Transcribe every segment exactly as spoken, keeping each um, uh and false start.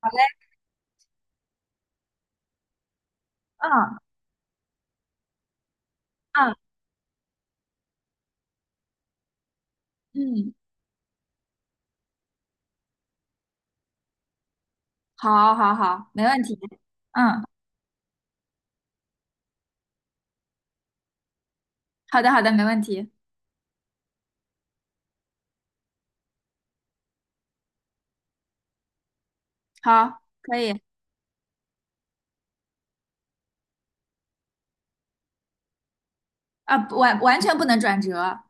好嘞。嗯嗯嗯，好，好，好，没问题。嗯，好的，好的，没问题。好，可以啊。不，完完全不能转折。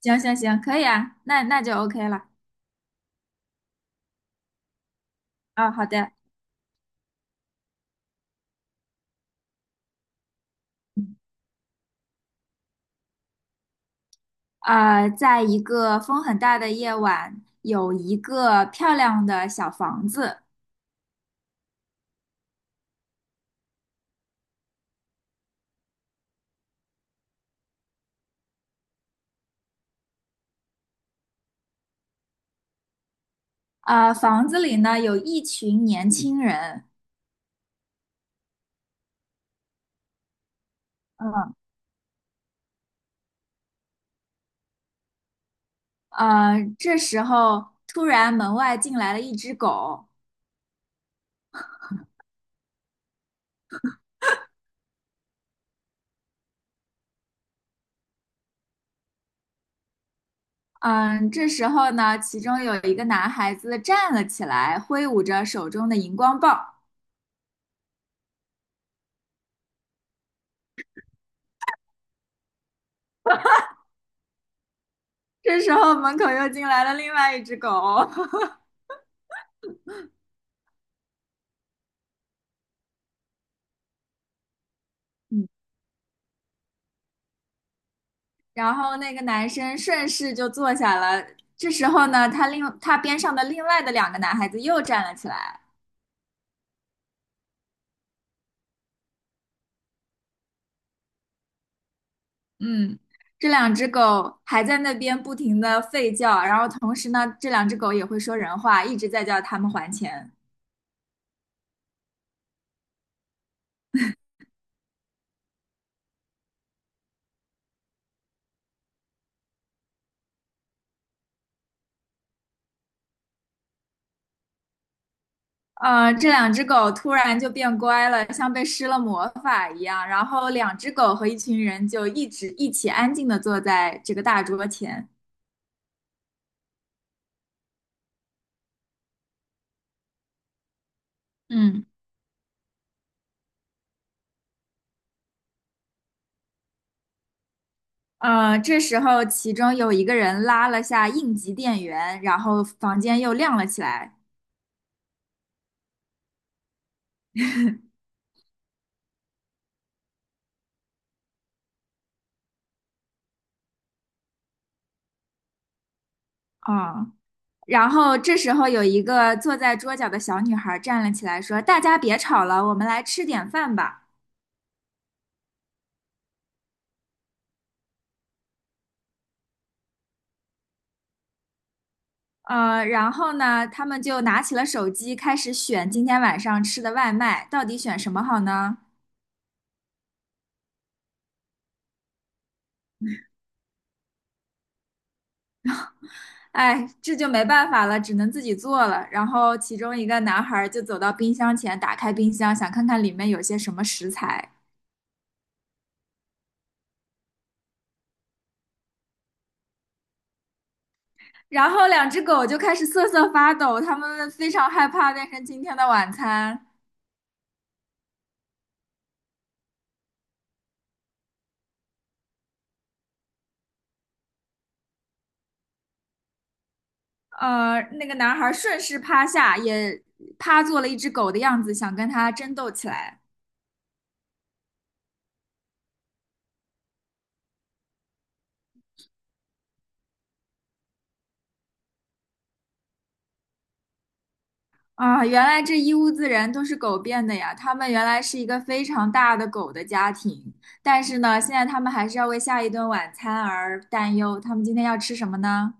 行行行，可以啊，那那就 o k 了。啊，好的。呃，在一个风很大的夜晚，有一个漂亮的小房子。呃，房子里呢有一群年轻人。嗯。呃，这时候突然门外进来了一只狗。嗯。这时候呢，其中有一个男孩子站了起来，挥舞着手中的荧光棒。这时候门口又进来了另外一只狗，嗯，然后那个男生顺势就坐下了。这时候呢，他另他边上的另外的两个男孩子又站了起来。嗯。这两只狗还在那边不停的吠叫，然后同时呢，这两只狗也会说人话，一直在叫他们还钱。呃，这两只狗突然就变乖了，像被施了魔法一样。然后两只狗和一群人就一直一起安静地坐在这个大桌前。嗯。呃，这时候其中有一个人拉了下应急电源，然后房间又亮了起来。啊、然后这时候有一个坐在桌角的小女孩站了起来，说："大家别吵了，我们来吃点饭吧。"呃，然后呢，他们就拿起了手机，开始选今天晚上吃的外卖，到底选什么好呢？哎，这就没办法了，只能自己做了。然后其中一个男孩儿就走到冰箱前，打开冰箱，想看看里面有些什么食材。然后两只狗就开始瑟瑟发抖，它们非常害怕变成今天的晚餐。呃，那个男孩儿顺势趴下，也趴做了一只狗的样子，想跟它争斗起来。啊，原来这一屋子人都是狗变的呀！他们原来是一个非常大的狗的家庭，但是呢，现在他们还是要为下一顿晚餐而担忧。他们今天要吃什么呢？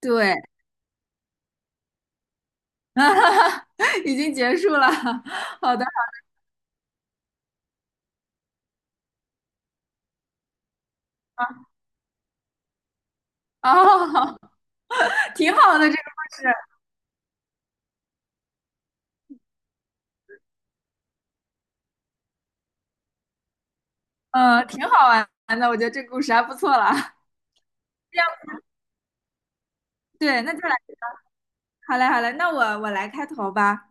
对。已经结束了。好的。哦，挺好的这个故事。嗯，挺好玩的，我觉得这个故事还不错了。对，那就来。好嘞，好嘞，那我我来开头吧。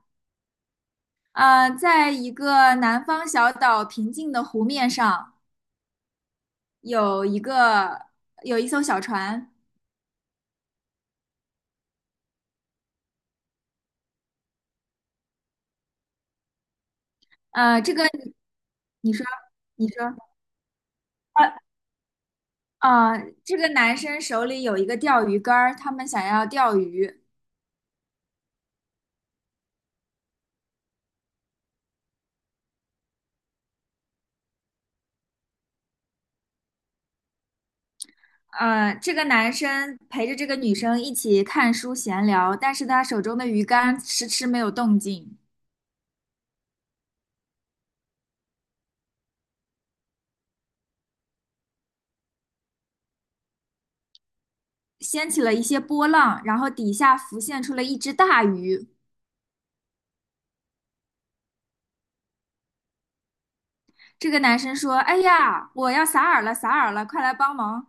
呃，在一个南方小岛平静的湖面上。有一个有一艘小船。呃，这个你说你说呃啊，这个男生手里有一个钓鱼竿儿，他们想要钓鱼。呃，这个男生陪着这个女生一起看书闲聊，但是他手中的鱼竿迟迟没有动静，掀起了一些波浪，然后底下浮现出了一只大鱼。这个男生说："哎呀，我要撒饵了，撒饵了，快来帮忙！"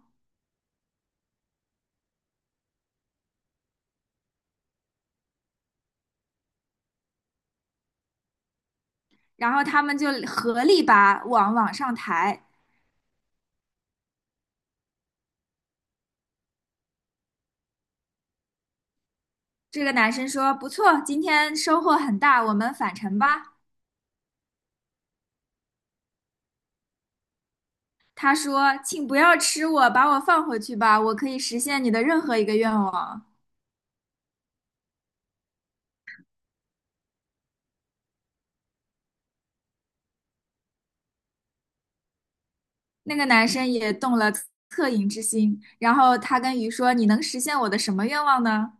然后他们就合力把网往上抬。这个男生说："不错，今天收获很大，我们返程吧。"他说："请不要吃我，把我放回去吧，我可以实现你的任何一个愿望。"那个男生也动了恻隐之心，然后他跟鱼说："你能实现我的什么愿望呢？"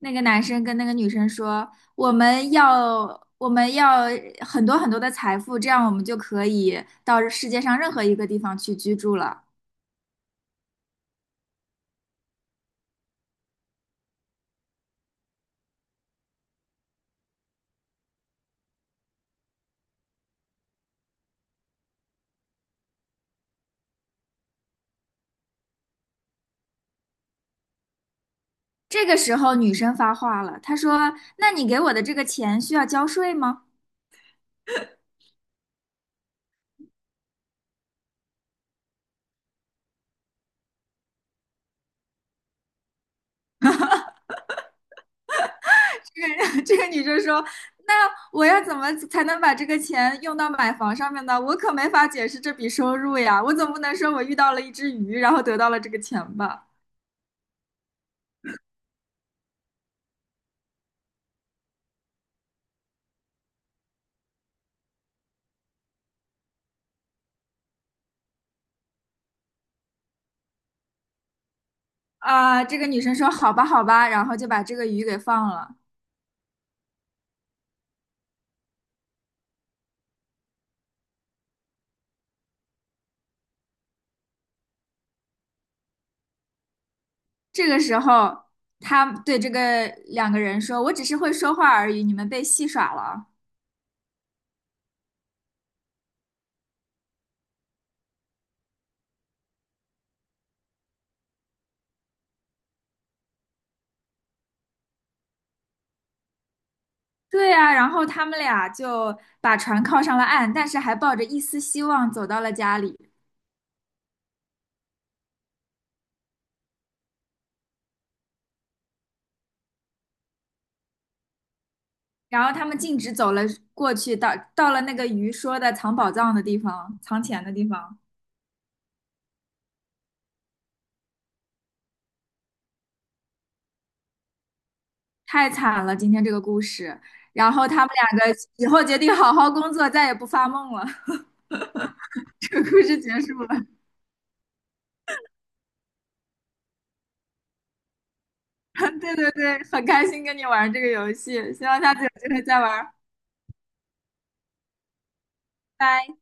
那个男生跟那个女生说："我们要，我们要很多很多的财富，这样我们就可以到世界上任何一个地方去居住了。"这个时候，女生发话了，她说："那你给我的这个钱需要交税吗？" 这个女生说："那我要怎么才能把这个钱用到买房上面呢？我可没法解释这笔收入呀，我总不能说我遇到了一只鱼，然后得到了这个钱吧？"啊、这个女生说："好吧，好吧。"然后就把这个鱼给放了。这个时候，他对这个两个人说："我只是会说话而已，你们被戏耍了啊。"对呀、然后他们俩就把船靠上了岸，但是还抱着一丝希望走到了家里。然后他们径直走了过去，到到了那个鱼说的藏宝藏的地方，藏钱的地方。太惨了，今天这个故事。然后他们两个以后决定好好工作，再也不发梦了。这个故事结束了。对对对，很开心跟你玩这个游戏，希望下次有机会再玩。拜。